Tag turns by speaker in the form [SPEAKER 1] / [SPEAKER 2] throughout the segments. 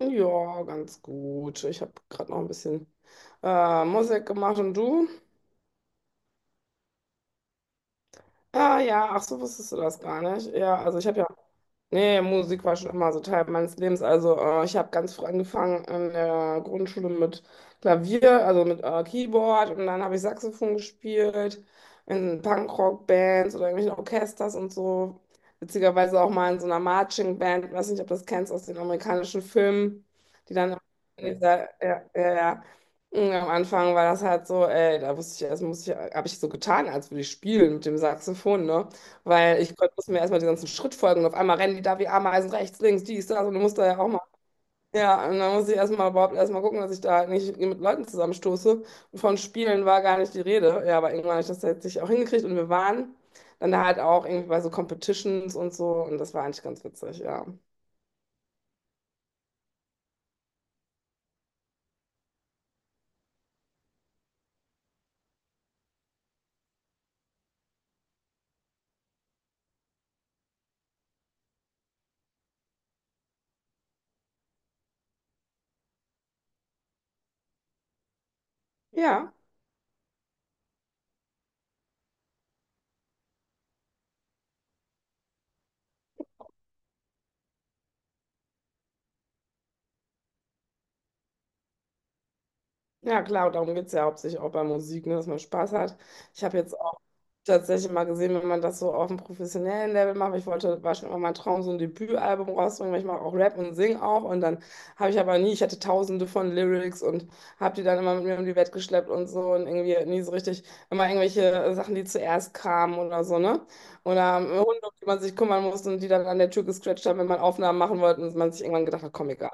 [SPEAKER 1] Ja, ganz gut. Ich habe gerade noch ein bisschen Musik gemacht und du? Ah ja, ach so, wusstest du das gar nicht. Ja, also ich habe ja. Nee, Musik war schon immer so Teil meines Lebens. Also ich habe ganz früh angefangen in der Grundschule mit Klavier, also mit Keyboard und dann habe ich Saxophon gespielt in Punkrock-Bands oder irgendwelchen Orchesters und so. Witzigerweise auch mal in so einer Marching-Band, weiß nicht, ob du das kennst aus den amerikanischen Filmen, die dann in dieser, ja, ja, ja. Und am Anfang war das halt so, ey, da wusste ich erst, muss ich, habe ich so getan, als würde ich spielen mit dem Saxophon, ne? Weil ich Gott, musste mir erstmal den ganzen Schritt folgen und auf einmal rennen die da wie Ameisen rechts, links, dies, das und du musst da ja auch mal. Ja, und dann musste ich erstmal überhaupt erstmal gucken, dass ich da halt nicht mit Leuten zusammenstoße. Und von Spielen war gar nicht die Rede. Ja, aber irgendwann habe ich das letztlich auch hingekriegt und wir waren dann da halt auch irgendwie bei so Competitions und so und das war eigentlich ganz witzig, ja. Ja. Ja, klar, darum geht es ja hauptsächlich auch bei Musik, ne, dass man Spaß hat. Ich habe jetzt auch tatsächlich mal gesehen, wenn man das so auf einem professionellen Level macht, weil ich wollte, war schon immer mein Traum, so ein Debütalbum rauszubringen, weil ich mache auch Rap und singe auch. Und dann habe ich aber nie, ich hatte tausende von Lyrics und habe die dann immer mit mir um die Welt geschleppt und so und irgendwie nie so richtig, immer irgendwelche Sachen, die zuerst kamen oder so, ne? Oder Hunde, um die man sich kümmern musste und die dann an der Tür gescratcht haben, wenn man Aufnahmen machen wollte und man sich irgendwann gedacht hat, komm, egal.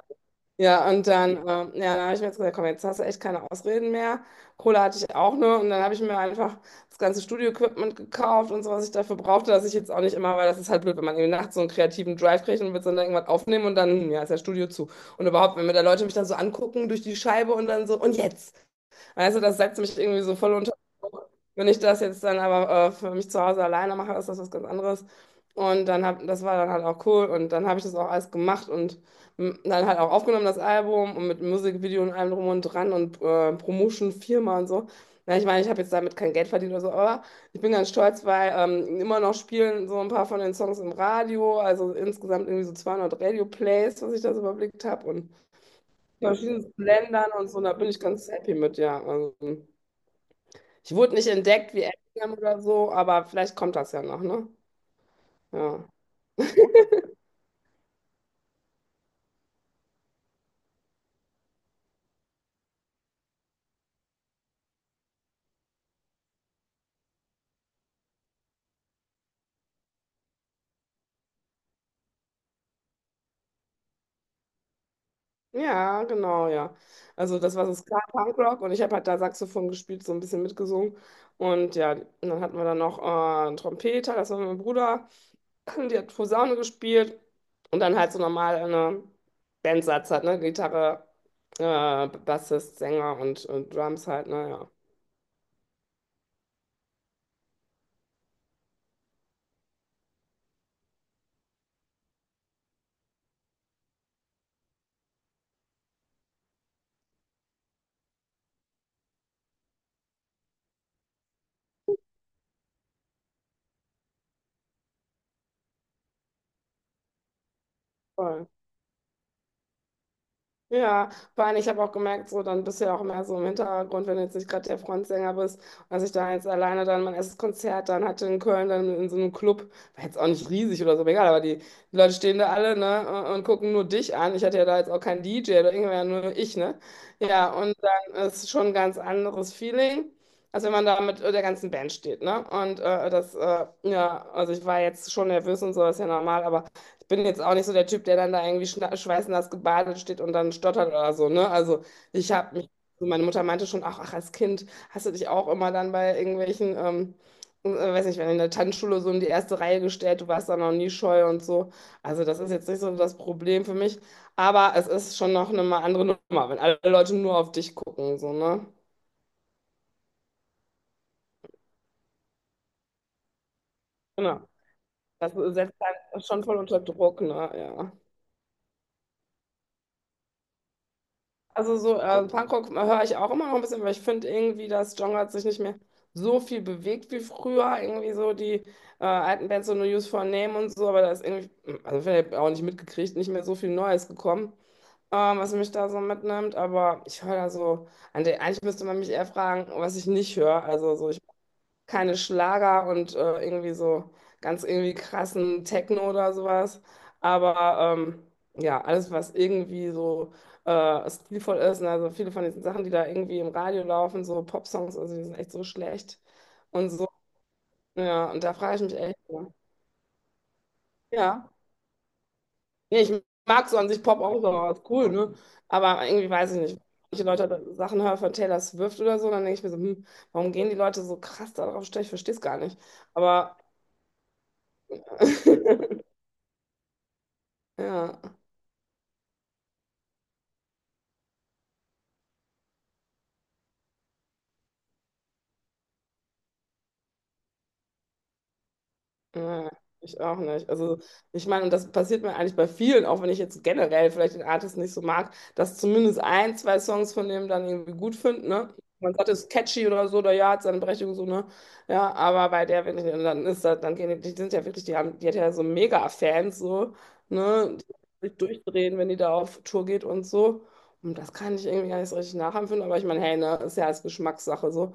[SPEAKER 1] Ja, und dann, ja, dann habe ich mir jetzt gesagt, komm, jetzt hast du echt keine Ausreden mehr. Kohle hatte ich auch nur und dann habe ich mir einfach das ganze Studio-Equipment gekauft und so, was ich dafür brauchte, dass ich jetzt auch nicht immer, weil das ist halt blöd, wenn man irgendwie nachts so einen kreativen Drive kriegt und will dann irgendwas aufnehmen und dann, ja, ist ja Studio zu. Und überhaupt, wenn mir da Leute mich dann so angucken durch die Scheibe und dann so, und jetzt? Weißt du, das setzt mich irgendwie so voll unter Druck. Wenn ich das jetzt dann aber für mich zu Hause alleine mache, ist das was ganz anderes. Und dann das war dann halt auch cool. Und dann habe ich das auch alles gemacht und dann halt auch aufgenommen, das Album und mit Musikvideo und allem drum und dran und Promotion-Firma und so. Na, ich meine, ich habe jetzt damit kein Geld verdient oder so, aber ich bin ganz stolz, weil immer noch spielen so ein paar von den Songs im Radio, also insgesamt irgendwie so 200 Radio-Plays, was ich das überblickt habe. Und ja, aus Ländern und so, da bin ich ganz happy mit, ja. Also, ich wurde nicht entdeckt wie Eminem oder so, aber vielleicht kommt das ja noch, ne? Ja. Ja, genau, ja. Also das war so Ska Punkrock und ich habe halt da Saxophon gespielt, so ein bisschen mitgesungen. Und ja, und dann hatten wir dann noch einen Trompeter, das war mein Bruder, die hat Posaune gespielt und dann halt so normal eine Bandsatz halt, ne? Gitarre, Bassist, Sänger und Drums halt, ne? Ja. Voll. Ja, vor allem, ich habe auch gemerkt, so dann bist du ja auch mehr so im Hintergrund, wenn du jetzt nicht gerade der Frontsänger bist. Und als ich da jetzt alleine dann mein erstes Konzert dann hatte in Köln, dann in so einem Club, war jetzt auch nicht riesig oder so, aber egal, aber die Leute stehen da alle, ne, und gucken nur dich an. Ich hatte ja da jetzt auch keinen DJ oder irgendwer, nur ich, ne? Ja, und dann ist schon ein ganz anderes Feeling, als wenn man da mit der ganzen Band steht, ne? Und ja, also ich war jetzt schon nervös und so, ist ja normal, aber bin jetzt auch nicht so der Typ, der dann da irgendwie schweißnass gebadet steht und dann stottert oder so, ne? Also ich habe mich, so meine Mutter meinte schon, ach, ach, als Kind hast du dich auch immer dann bei irgendwelchen, weiß nicht, wenn in der Tanzschule so in die erste Reihe gestellt, du warst da noch nie scheu und so. Also das ist jetzt nicht so das Problem für mich, aber es ist schon noch eine mal andere Nummer, wenn alle Leute nur auf dich gucken, so, ne? Genau. Das setzt einen schon voll unter Druck, ne? Ja. Also so Punkrock höre ich auch immer noch ein bisschen, weil ich finde irgendwie, das Genre hat sich nicht mehr so viel bewegt wie früher. Irgendwie so die alten Bands, so No Use for a Name und so, aber da ist irgendwie, also vielleicht auch nicht mitgekriegt, nicht mehr so viel Neues gekommen, was mich da so mitnimmt. Aber ich höre da so, eigentlich müsste man mich eher fragen, was ich nicht höre. Also so, ich keine Schlager und irgendwie so ganz irgendwie krassen Techno oder sowas. Aber ja, alles, was irgendwie so stilvoll ist, ne, also viele von diesen Sachen, die da irgendwie im Radio laufen, so Popsongs, also die sind echt so schlecht und so. Ja, und da frage ich mich echt, ja. Ja, nee, ich mag so an sich Pop auch, so, ist cool, ne? Aber irgendwie weiß ich nicht. Manche Leute Sachen hören von Taylor Swift oder so, dann denke ich mir so, warum gehen die Leute so krass darauf steil? Ich verstehe es gar nicht. Aber ja, ja, ich auch nicht. Also ich meine, und das passiert mir eigentlich bei vielen, auch wenn ich jetzt generell vielleicht den Artist nicht so mag, dass zumindest ein, zwei Songs von dem dann irgendwie gut find, ne? Man sagt, es ist catchy oder so, oder ja, hat seine Berechtigung so, ne? Ja, aber bei der wirklich, und dann ist das, dann gehen die, die sind ja wirklich, die haben, die hat ja so Mega-Fans, so, ne? Die sich durchdrehen, wenn die da auf Tour geht und so. Und das kann ich irgendwie gar nicht so richtig nachempfinden, aber ich meine, hey, ne, ist ja alles Geschmackssache, so.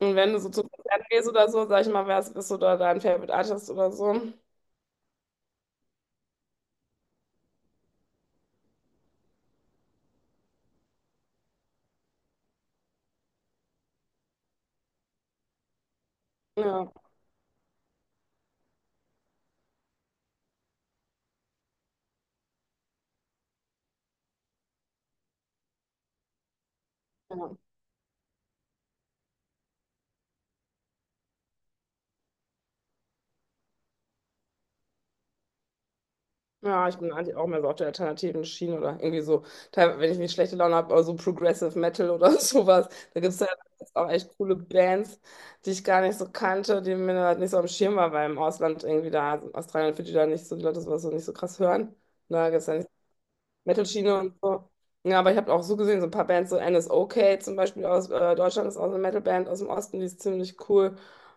[SPEAKER 1] Und wenn du so zu Konzerten gehst oder so, sag ich mal, wer es ist oder dein Favorite Artist oder so. Ja, ja. Ja, ich bin eigentlich auch mehr so auf der alternativen Schiene oder irgendwie so, teilweise, wenn ich nicht schlechte Laune habe, aber so Progressive Metal oder sowas. Da gibt es ja auch echt coole Bands, die ich gar nicht so kannte, die mir halt nicht so am Schirm war, weil im Ausland irgendwie da, Australien und Fidschi da nicht so, die Leute sowas so nicht so krass hören. Da gibt es ja Metal-Schiene und so. Ja, aber ich habe auch so gesehen, so ein paar Bands, so NSOK zum Beispiel aus Deutschland ist auch so eine Metal-Band aus dem Osten, die ist ziemlich cool.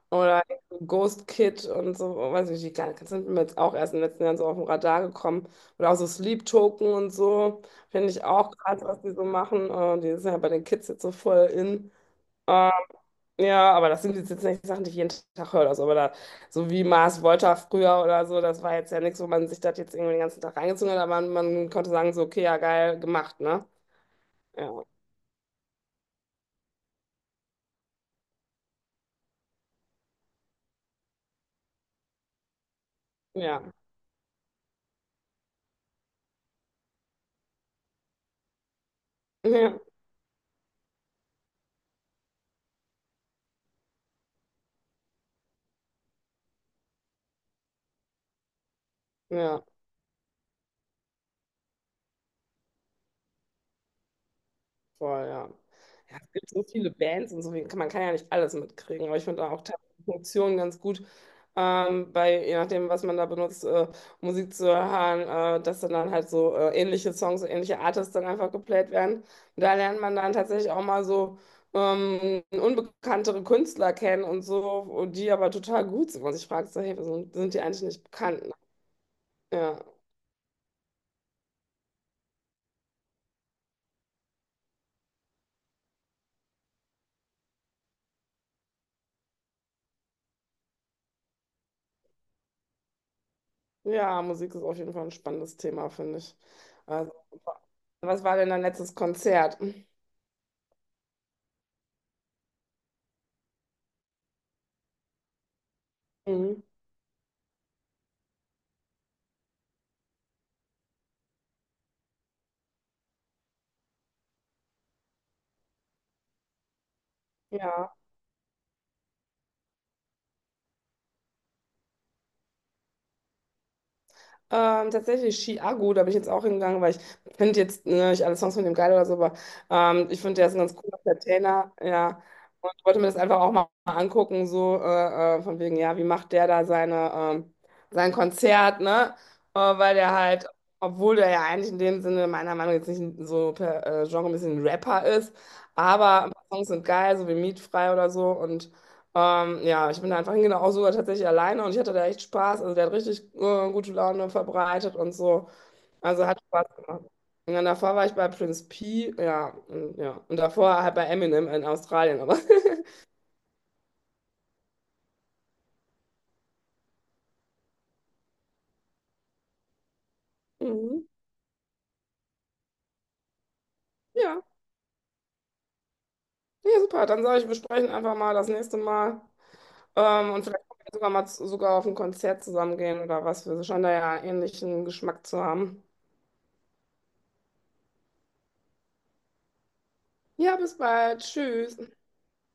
[SPEAKER 1] Oder Ghost Kid und so, weiß nicht, die kleinen Kids sind mir jetzt auch erst in den letzten Jahren so auf dem Radar gekommen. Oder auch so Sleep Token und so, finde ich auch krass, was die so machen. Die sind ja bei den Kids jetzt so voll in. Äh, ja, aber das sind jetzt nicht Sachen, die ich jeden Tag höre. Also. Aber da, so wie Mars Volta früher oder so, das war jetzt ja nichts, wo man sich das jetzt irgendwie den ganzen Tag reingezogen hat, aber man konnte sagen, so, okay, ja, geil gemacht, ne? Ja, ja, ja, ja. Voll, ja. Ja, es gibt so viele Bands und so, man kann ja nicht alles mitkriegen, aber ich finde auch teilweise Funktionen ganz gut, bei, je nachdem, was man da benutzt, Musik zu hören, dass dann halt so ähnliche Songs, ähnliche Artists dann einfach geplayt werden. Und da lernt man dann tatsächlich auch mal so unbekanntere Künstler kennen und so, und die aber total gut sind. Und ich frage so, hey, sind die eigentlich nicht bekannt? Ja. Ja, Musik ist auf jeden Fall ein spannendes Thema, finde ich. Also, was war denn dein letztes Konzert? Mhm. Ja. Tatsächlich Chiago, da bin ich jetzt auch hingegangen, weil ich finde jetzt ne, nicht alle Songs von dem geil oder so, aber ich finde, der ist ein ganz cooler Entertainer, ja. Und ich wollte mir das einfach auch mal angucken, so von wegen, ja, wie macht der da sein Konzert, ne? Weil der halt, obwohl der ja eigentlich in dem Sinne meiner Meinung nach jetzt nicht so per Genre ein bisschen ein Rapper ist, aber ein paar Songs sind geil, so wie Mietfrei oder so und ja, ich bin da einfach hingegangen, auch sogar tatsächlich alleine und ich hatte da echt Spaß. Also der hat richtig gute Laune verbreitet und so. Also hat Spaß gemacht. Und dann davor war ich bei Prince P, ja, und, ja. Und davor halt bei Eminem in Australien, aber. Mhm. Ja, ja, super. Dann sage ich, wir sprechen einfach mal das nächste Mal. Und vielleicht können wir sogar mal sogar auf ein Konzert zusammen gehen oder was. Wir scheinen da ja ähnlichen Geschmack zu haben. Ja, bis bald. Tschüss.